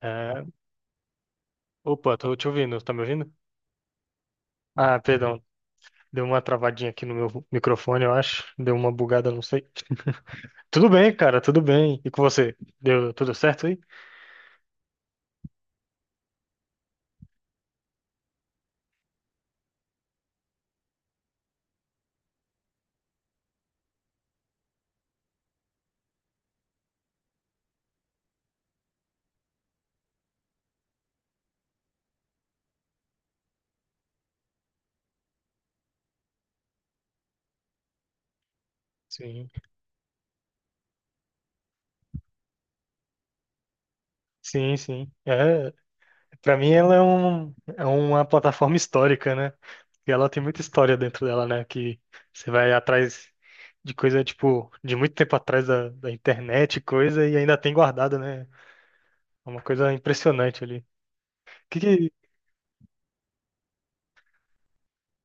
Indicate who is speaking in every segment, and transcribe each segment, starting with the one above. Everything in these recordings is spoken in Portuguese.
Speaker 1: É, opa, tô te ouvindo, tá me ouvindo? Ah, perdão, deu uma travadinha aqui no meu microfone, eu acho. Deu uma bugada, não sei. Tudo bem, cara, tudo bem. E com você? Deu tudo certo aí? Sim, sim, sim. É, para mim ela é, um, é uma plataforma histórica, né? E ela tem muita história dentro dela, né? Que você vai atrás de coisa, tipo, de muito tempo atrás da internet, e coisa, e ainda tem guardado, né? É uma coisa impressionante ali. que que...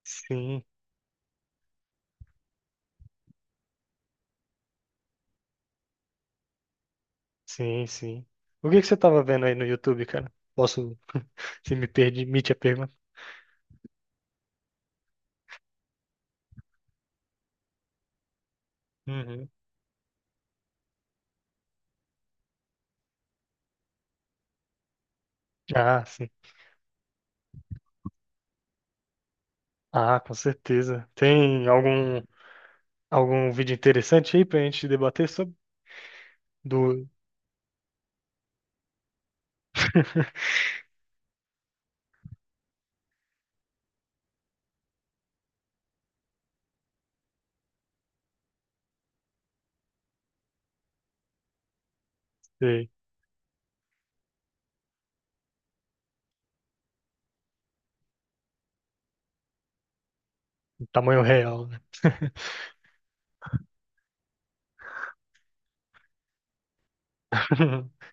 Speaker 1: Sim. Sim, sim. O que que você tava vendo aí no YouTube, cara? Posso, se me permite a pergunta? Uhum. Ah, sim. Ah, com certeza. Tem algum vídeo interessante aí pra gente debater sobre do, de tamanho real, né?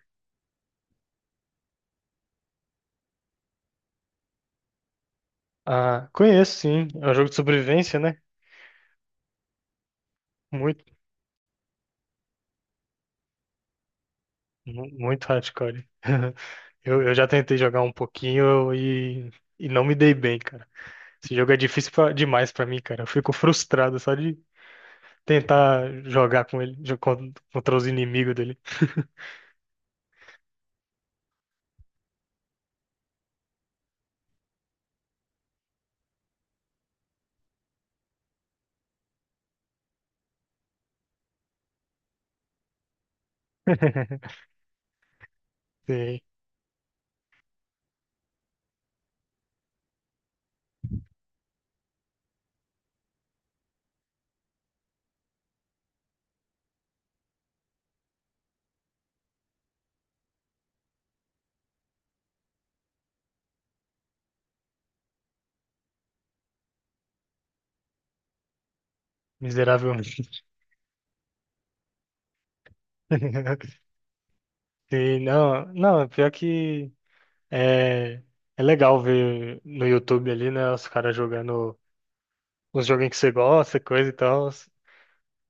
Speaker 1: Ah, conheço sim. É um jogo de sobrevivência, né? Muito, mu- muito hardcore. Eu já tentei jogar um pouquinho e não me dei bem, cara. Esse jogo é difícil pra- demais pra mim, cara. Eu fico frustrado só de tentar jogar com ele, jo- con- contra os inimigos dele. Sim, miseravelmente. Sim, não, não, pior que é, é legal ver no YouTube ali, né, os caras jogando os joguinhos que você gosta, coisa e tal.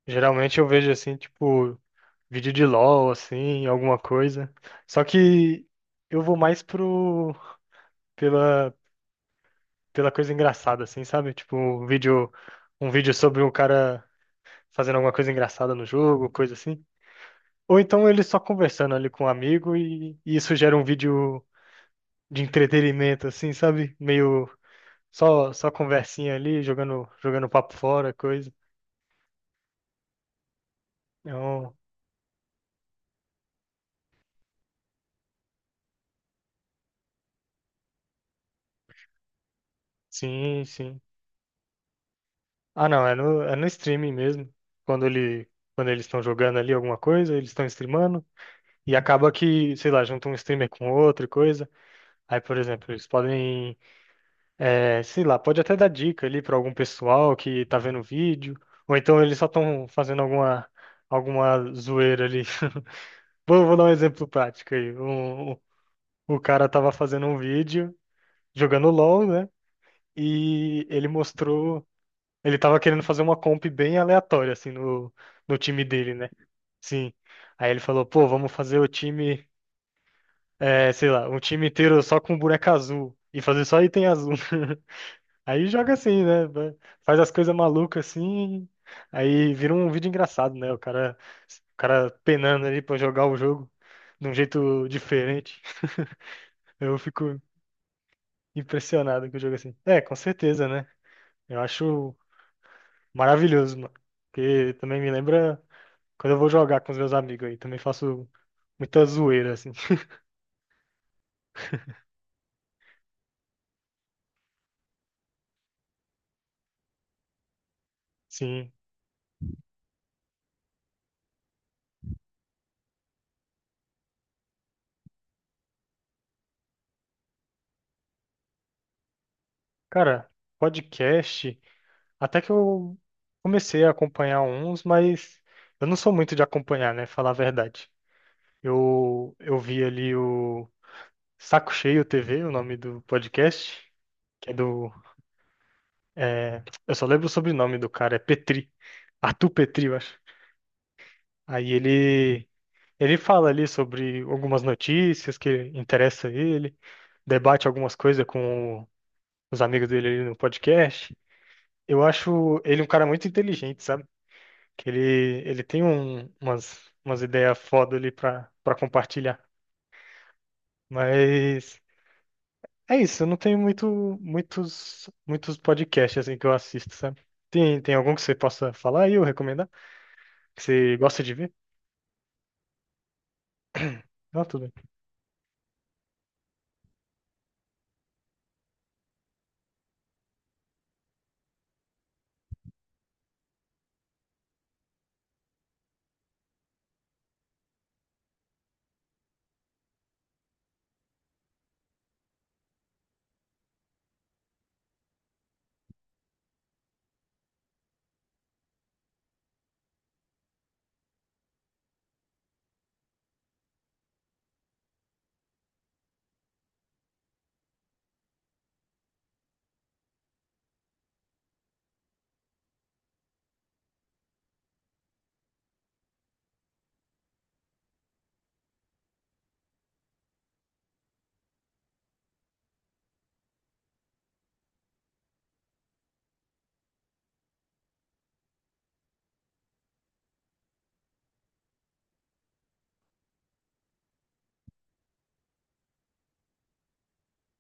Speaker 1: Geralmente eu vejo assim, tipo, vídeo de LOL, assim, alguma coisa. Só que eu vou mais pro, pela, pela coisa engraçada, assim, sabe? Tipo, um vídeo sobre um cara fazendo alguma coisa engraçada no jogo, coisa assim. Ou então ele só conversando ali com um amigo e isso gera um vídeo de entretenimento, assim, sabe? Meio só, só conversinha ali, jogando, jogando papo fora, coisa. Então, sim, sim. Ah, não, é no streaming mesmo. Quando ele, quando eles estão jogando ali alguma coisa, eles estão streamando. E acaba que, sei lá, junta um streamer com outro e coisa. Aí, por exemplo, eles podem é, sei lá, pode até dar dica ali para algum pessoal que tá vendo o vídeo, ou então eles só estão fazendo alguma, alguma zoeira ali. Vou, vou dar um exemplo prático aí. Um- o cara tava fazendo um vídeo jogando LOL, né? E ele mostrou. Ele tava querendo fazer uma comp bem aleatória, assim, no, no time dele, né? Sim. Aí ele falou, pô, vamos fazer o time, é, sei lá, um time inteiro só com boneca azul. E fazer só item azul. Aí joga assim, né? Vai- faz as coisas malucas assim, aí vira um vídeo engraçado, né? O cara penando ali pra jogar o jogo de um jeito diferente. Eu fico impressionado com o jogo assim. É, com certeza, né? Eu acho maravilhoso, mano. Porque também me lembra quando eu vou jogar com os meus amigos aí. Também faço muita zoeira, assim. Sim. Cara, podcast, até que eu comecei a acompanhar uns, mas eu não sou muito de acompanhar, né? Falar a verdade. Eu vi ali o Saco Cheio TV, o nome do podcast, que é do. É, eu só lembro o sobrenome do cara, é Petri. Arthur Petri, eu acho. Aí ele fala ali sobre algumas notícias que interessam ele, debate algumas coisas com os amigos dele ali no podcast. Eu acho ele um cara muito inteligente, sabe? Que ele tem um- umas, umas ideias foda ali pra, pra compartilhar. Mas é isso, não tem muito, muitos, muitos podcasts assim que eu assisto, sabe? Tem, tem algum que você possa falar e eu recomendar? Que você gosta de ver? Não, tudo bem.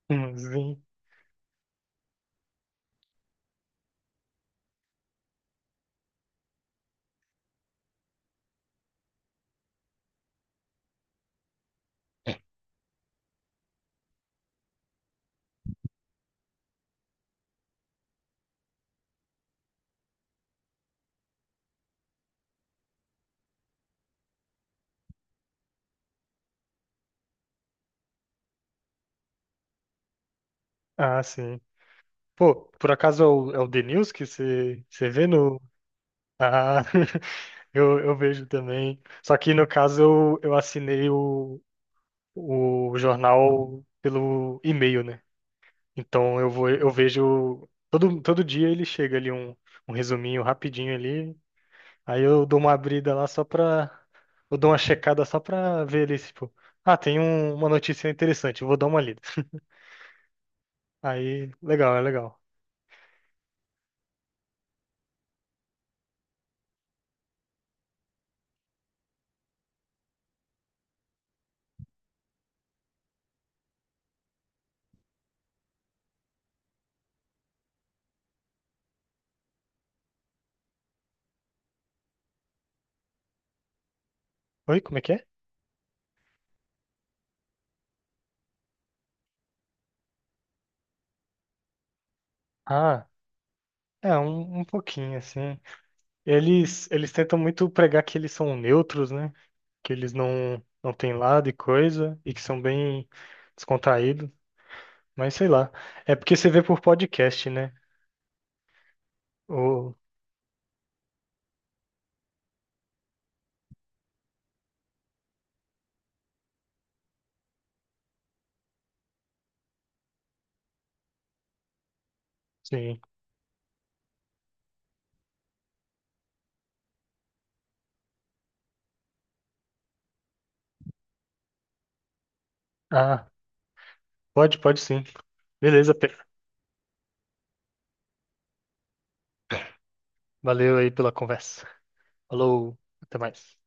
Speaker 1: Sim. Ah, sim. Pô, por acaso é o, é o The News que você, você vê no. Ah, eu vejo também. Só que no caso eu assinei o jornal pelo e-mail, né? Então eu vou, eu vejo. Todo, todo dia ele chega ali um, um resuminho rapidinho ali. Aí eu dou uma abrida lá só pra. Eu dou uma checada só pra ver ali, tipo. Ah, tem um- uma notícia interessante, eu vou dar uma lida. Aí, legal, é legal. Oi, como é que é? Ah, é, um pouquinho, assim. Eles tentam muito pregar que eles são neutros, né? Que eles não, não têm lado e coisa, e que são bem descontraídos. Mas sei lá. É porque você vê por podcast, né? Ou, sim. Ah, pode, pode sim. Beleza, Pedro. Valeu aí pela conversa. Falou, até mais.